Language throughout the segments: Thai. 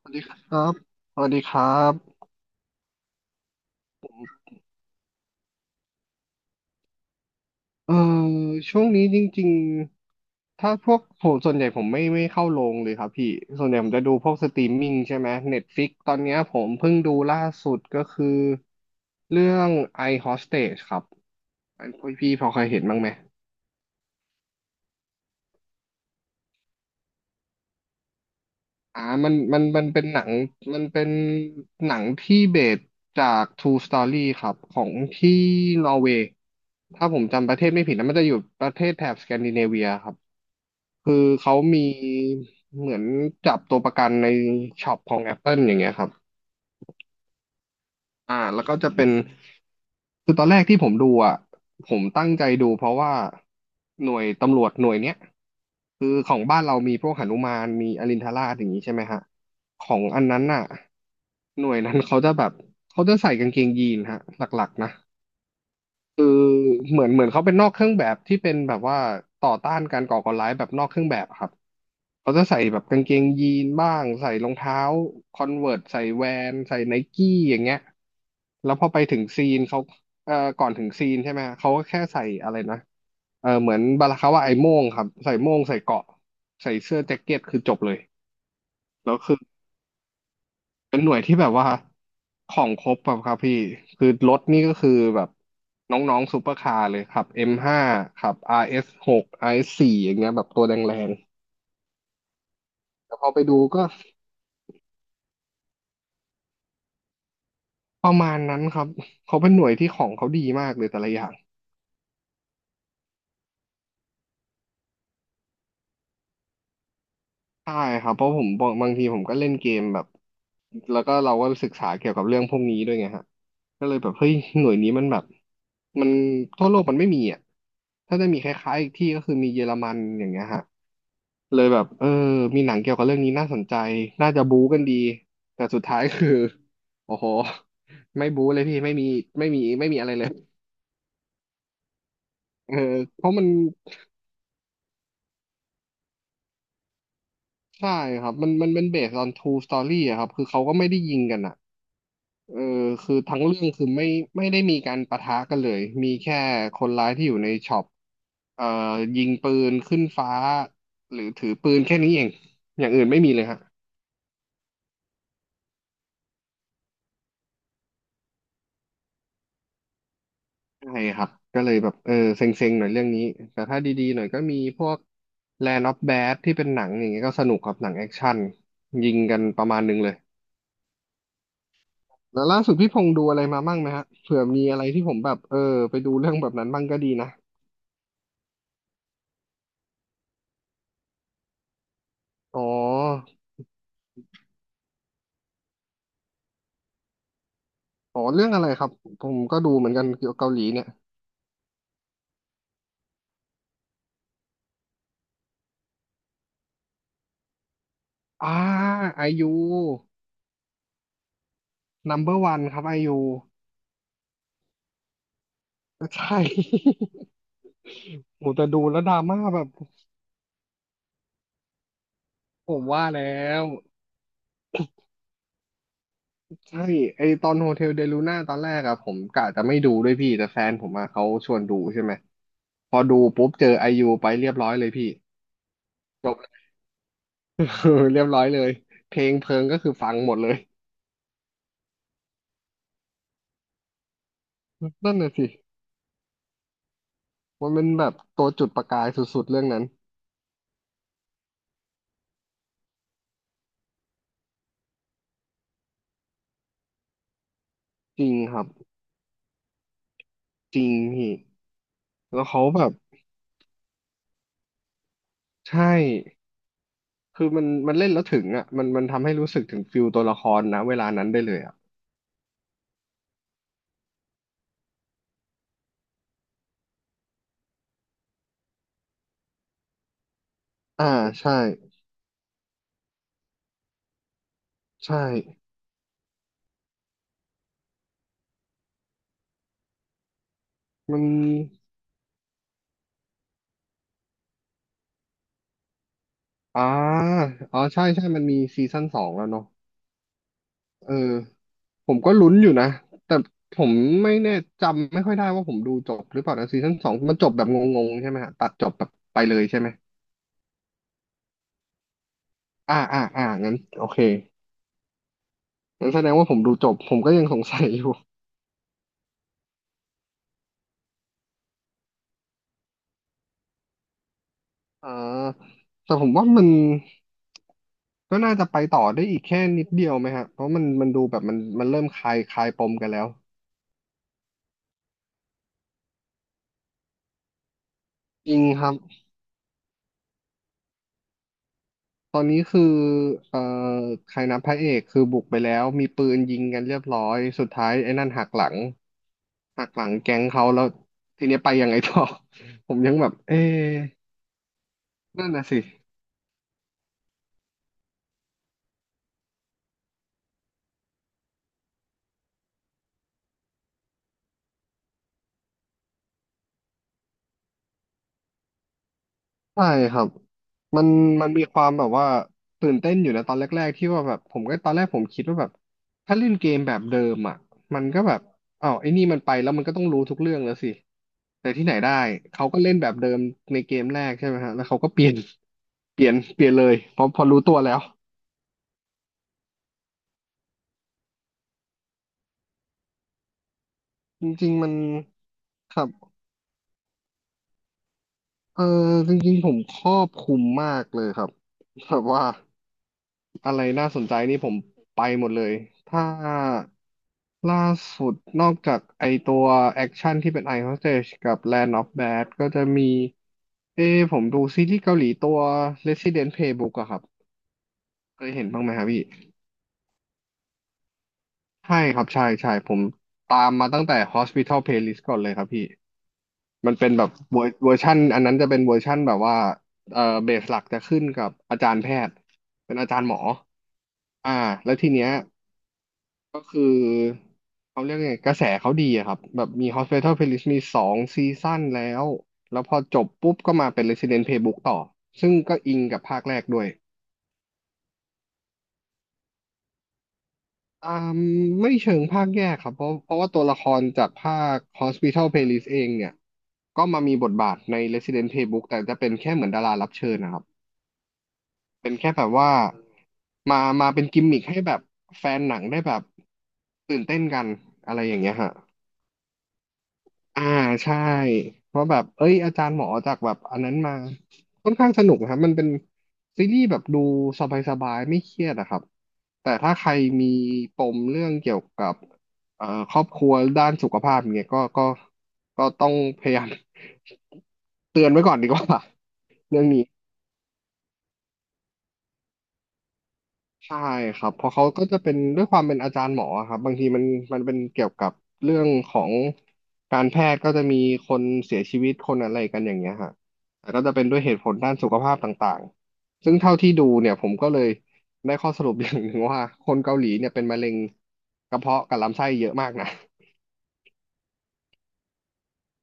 สวัสดีครับสวัสดีครับเออช่วงนี้จริงๆ ถ้าพวกผมส่วนใหญ่ผมไม่เข้าโรงเลยครับพี่ ส่วนใหญ่ผมจะดูพวกสตรีมมิ่งใช่ไหม Netflix ตอนเนี้ยผมเพิ่งดูล่าสุดก็คือเรื่อง I Hostage ครับอันพี่พอเคยเห็นบ้างไหมมันเป็นหนังมันเป็นหนังที่เบสจาก True Story ครับของที่นอร์เวย์ถ้าผมจำประเทศไม่ผิดนะมันจะอยู่ประเทศแถบสแกนดิเนเวียครับ คือเขามีเหมือนจับตัวประกันในช็อปของ Apple อย่างเงี้ยครับแล้วก็จะเป็นคือตอนแรกที่ผมดูอ่ะผมตั้งใจดูเพราะว่าหน่วยตำรวจหน่วยเนี้ยคือของบ้านเรามีพวกหนุมานมีอรินทราชอย่างนี้ใช่ไหมฮะของอันนั้นน่ะหน่วยนั้นเขาจะแบบเขาจะใส่กางเกงยีนฮะหลักๆนะคือเหมือนเขาเป็นนอกเครื่องแบบที่เป็นแบบว่าต่อต้านการก่อการร้ายแบบนอกเครื่องแบบครับ เขาจะใส่แบบกางเกงยีนบ้างใส่รองเท้าคอนเวิร์ตใส่แวนใส่ไนกี้อย่างเงี้ยแล้วพอไปถึงซีนเขาก่อนถึงซีนใช่ไหมเขาก็แค่ใส่อะไรนะเหมือนบาลาคาว่าไอ้โม่งครับใส่โม่งใส่เกราะใส่เสื้อแจ็คเก็ตคือจบเลยแล้วคือเป็นหน่วยที่แบบว่าของครบแบบครับพี่คือรถนี่ก็คือแบบน้องๆซูเปอร์คาร์เลยครับเอ็มห้าครับอาร์เอสหกอาร์เอสสี่อย่างเงี้ยแบบตัวแรงๆแต่พอไปดูก็ ประมาณนั้นครับเขาเป็นหน่วยที่ของเขาดีมากเลยแต่ละอย่างใช่ครับเพราะผมบางทีผมก็เล่นเกมแบบแล้วก็เราก็ศึกษาเกี่ยวกับเรื่องพวกนี้ด้วยไงฮะก็เลยแบบเฮ้ยหน่วยนี้มันแบบมันทั่วโลกมันไม่มีอ่ะถ้าจะมีคล้ายๆอีกที่ก็คือมีเยอรมันอย่างเงี้ยฮะเลยแบบมีหนังเกี่ยวกับเรื่องนี้น่าสนใจน่าจะบู๊กันดีแต่สุดท้ายคือ โอ้โหไม่บู๊เลยพี่ไม่มีไม่มีอะไรเลยเออเพราะมัน ใช่ครับมันมันเป็นเบสออน true story อะครับคือเขาก็ไม่ได้ยิงกันอ่ะเออคือทั้งเรื่องคือไม่ได้มีการปะทะกันเลยมีแค่คนร้ายที่อยู่ในช็อปเอ่อยิงปืนขึ้นฟ้าหรือถือปืนแค่นี้เองอย่างอื่นไม่มีเลยฮะใช่ครับก็เลยแบบเซ็งๆหน่อยเรื่องนี้แต่ถ้าดีๆหน่อยก็มีพวก Land of Bad ที่เป็นหนังอย่างเงี้ยก็สนุกครับหนังแอคชั่นยิงกันประมาณนึงเลย แล้วล่าสุดพี่พงษ์ดูอะไรมาบ้างไหมฮะเผื่อมีอะไรที่ผมแบบไปดูเรื่องแบบนั้นบ้างก็ดีนะอ๋ออ๋อเรื่องอะไรครับ ผมก็ดูเหมือนกันเกี่ยวกับเกาหลีเนี่ยอ่าไอยู number one ครับไอยู ใช่ โหแต่ดูแล้วดราม่าแบบผมว่าแล้ว ใช่ไอตอนโฮเทลเดลูน่าตอนแรกอะผมกะจะไม่ดูด้วยพี่แต่แฟนผมอะเขาชวนดูใช่ไหม พอดูปุ๊บเจอไอยูไปเรียบร้อยเลยพี่จบ เรียบร้อยเลยเพลงเพลิงก็คือฟังหมดเลย นั่นน่ะสิมันเป็นแบบตัวจุดประกายสุดๆเรื่องนั้นจริงครับจริงพี่แล้วเขาแบบใช่คือมันมันเล่นแล้วถึงอ่ะมันมันทำให้รู้สึกถึงฟิลตัวละครนะเวลานั้นได้เลยอ่ะอ่าใช่ใช่มันอ่าอ๋อใช่ใช่มันมีซีซั่นสองแล้วเนาะเออผมก็ลุ้นอยู่นะแต่ผมไม่แน่จำไม่ค่อยได้ว่าผมดูจบหรือเปล่านะซีซั่นสองมันจบแบบงงๆใช่ไหมฮะตัดจบแบบไปเลยใช่ไหมอ่างั้นโอเค งั้นแสดงว่าผมดูจบผมก็ยังสงสัยอยู่ อ่าแต่ผมว่ามันก็น่าจะไปต่อได้อีกแค่นิดเดียวไหมฮะเพราะมันดูแบบมันเริ่มคลายปมกันแล้วจริงครับตอนนี้คือเอ่อใครนะพระเอกคือบุกไปแล้วมีปืนยิงกันเรียบร้อยสุดท้ายไอ้นั่นหักหลังหักหลังแก๊งเขาแล้วทีนี้ไปยังไงต่อ ผมยังแบบเอ๊ะนั่นน่ะสิ ใช่ครับมันมันมีความแบบว่าตื่นเต้นอยู่นะตอนแรกๆที่ว่าแบบผมก็ตอนแรกผมคิดว่าแบบถ้าเล่นเกมแบบเดิมอ่ะมันก็แบบอ้าวไอ้นี่มันไปแล้วมันก็ต้องรู้ทุกเรื่องแล้วสิแต่ที่ไหนได้เขาก็เล่นแบบเดิมในเกมแรกใช่ไหมฮะแล้วเขาก็เปลี่ยน เปลี่ยนเปลี่ยนเลยเพอพอรู้ตัวแล้วจริงๆมันครับเออจริงๆผมครอบคลุมมากเลยครับแบบว่า อะไรน่าสนใจนี่ผมไปหมดเลยถ้าล่าสุดนอกจากไอตัวแอคชั่นที่เป็น Ice Hostage กับ Land of Bad ก็จะมีเอ้ผมดูซีรีส์เกาหลีตัว Resident Playbook อะครับเคยเห็นบ้างไหมครับพี่ใช่ครับใช่ใช่ผมตามมาตั้งแต่ Hospital Playlist ก่อนเลยครับพี่มันเป็นแบบเวอร์ชันอันนั้นจะเป็นเวอร์ชันแบบว่าเบสหลักจะขึ้นกับอาจารย์แพทย์เป็นอาจารย์หมออ่าแล้วทีเนี้ย ก็คือเขาเรียกไงกระแสเขาดีอะครับแบบมี Hospital Playlist มีสองซีซั่นแล้วแล้วพอจบปุ๊บก็มาเป็น Resident Playbook ต่อซึ่งก็อิงกับภาคแรกด้วยอ่าไม่เชิงภาคแยกครับเพราะว่าตัวละครจากภาค Hospital Playlist เองเนี่ยก็มามีบทบาทใน Resident Playbook แต่จะเป็นแค่เหมือนดารารับเชิญนะครับเป็นแค่แบบว่ามาเป็นกิมมิคให้แบบแฟนหนังได้แบบตื่นเต้นกันอะไรอย่างเงี้ยฮะ อ่าใช่เพราะแบบเอ้ยอาจารย์หมอจากแบบอันนั้นมาค่อนข้างสนุกนะครับมันเป็นซีรีส์แบบดูสบายๆไม่เครียดอะครับแต่ถ้าใครมีปมเรื่องเกี่ยวกับครอบครัวด้านสุขภาพเนี่ยก็ต้องพยายาม เตือนไว้ก่อนดีกว่าเรื่องนี้ ใช่ครับเพราะเขาก็จะเป็นด้วยความเป็นอาจารย์หมออะครับบางทีมันมันเป็นเกี่ยวกับเรื่องของการแพทย์ก็จะมีคนเสียชีวิตคนอะไรกันอย่างเงี้ยฮะแต่ก็จะเป็นด้วยเหตุผลด้านสุขภาพต่างๆซึ่งเท่าที่ดูเนี่ยผมก็เลยได้ข้อสรุปอย่างหนึ่งว่าคนเกาหลีเนี่ยเป็นมะเร็งกระเพาะกับลำไส้เยอะมากนะ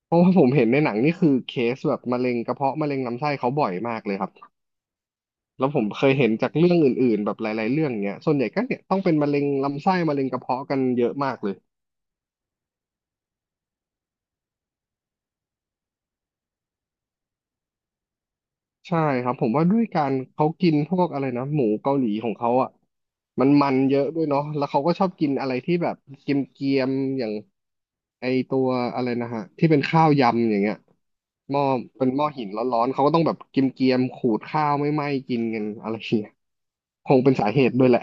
เพราะว่าผมเห็นในหนังนี่คือเคสแบบมะเร็งกระเพาะมะเร็งลำไส้เขาบ่อยมากเลยครับ แล้วผมเคยเห็นจากเรื่องอื่นๆแบบหลายๆเรื่องเนี้ยส่วนใหญ่ก็เนี่ยต้องเป็นมะเร็งลำไส้มะเร็งกระเพาะกันเยอะมากเลยใช่ครับผมว่าด้วยการเขากินพวกอะไรนะหมูเกาหลีของเขาอ่ะมันเยอะด้วยเนาะแล้วเขาก็ชอบกินอะไรที่แบบเกรียมๆอย่างไอตัวอะไรนะฮะที่เป็นข้าวยำอย่างเงี้ยหม้อเป็นหม้อหินร้อนๆเขาก็ต้องแบบเกรียมๆขูดข้าวไม่ไหม้กินกันอะไรอย่างเงี้ยคงเป็นสาเหตุด้วยแหละ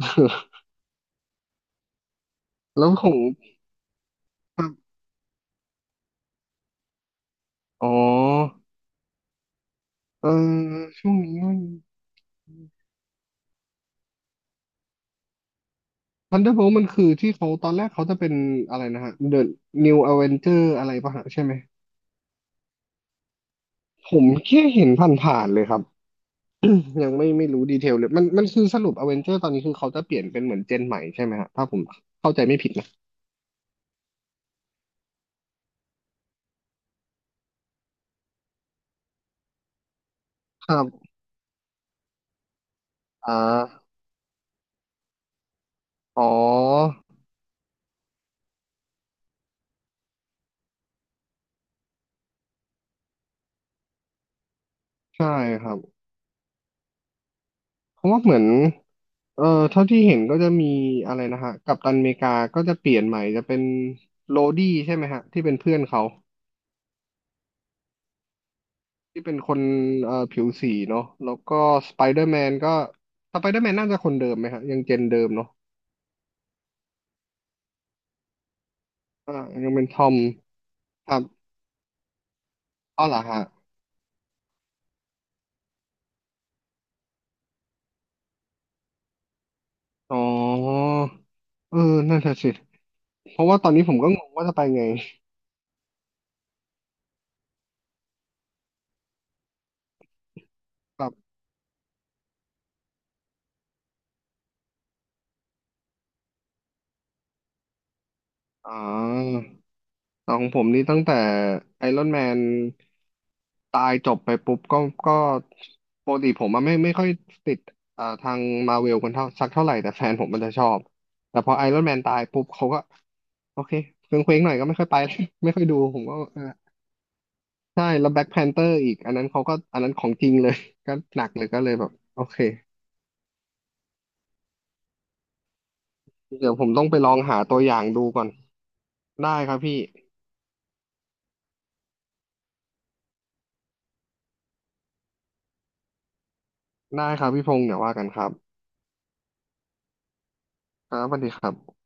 แล้วของอ๋อ เออช่วงนี้มัน Thunderbolt มันคือที่เขาตอนแรกเขาจะเป็นอะไรนะฮะ The New Avenger อะไรป่ะฮะใช่ไหมผมแค่เห็นผ่านๆเลยครับ ยังไม่รู้ดีเทลเลยมันมันคือสรุป Avenger ตอนนี้คือเขาจะเปลี่ยนเป็นเหมือนเจนใหม่ใช่ไหมฮะถ้าผมเข้าใจไม่ผิดนะครับอ่าอ๋อใช่ครับเพราะว่าเหมือนเท่าที่เห็นก็จะมีอะไรนะฮะกัปตันอเมริกาก็จะเปลี่ยนใหม่จะเป็นโรดี้ใช่ไหมฮะที่เป็นเพื่อนเขา ที่เป็นคนผิวสีเนาะแล้วก็สไปเดอร์แมนก็สไปเดอร์แมนน่าจะคนเดิมไหมครับยังเจนเดิมเนาะอ่ายังเป็นทอมครับอ้าวเหรอฮะอ๋อเออนั่นแหละสิเพราะว่าตอนนี้ผมก็งงว่าจะไปไงแบบอ๋อ ของผมนี่ตั้งแต่ไอรอนแมนตายจบไปปุ๊บก็ก็ปกติผมอะไม่ค่อยติดทางมาเวลกันเท่าสักเท่าไหร่แต่แฟนผมมันจะชอบแต่พอไอรอนแมนตายปุ๊บเขาก็โอเคเคว้งหน่อยก็ไม่ค่อยไป ไม่ค่อยดูผมก็เออใช่แล้วแบ็คแพนเตอร์อีกอันนั้นเขาก็อันนั้นของจริงเลย ก็หนักเลยก็เลยแบบโอเคเดี๋ยวผมต้องไปลองหาตัวอย่างดูก่อนได้ครับพี่ได้ครับพี่พงษ์เดี๋ยวว่ากันครับครับสวัสดีครับ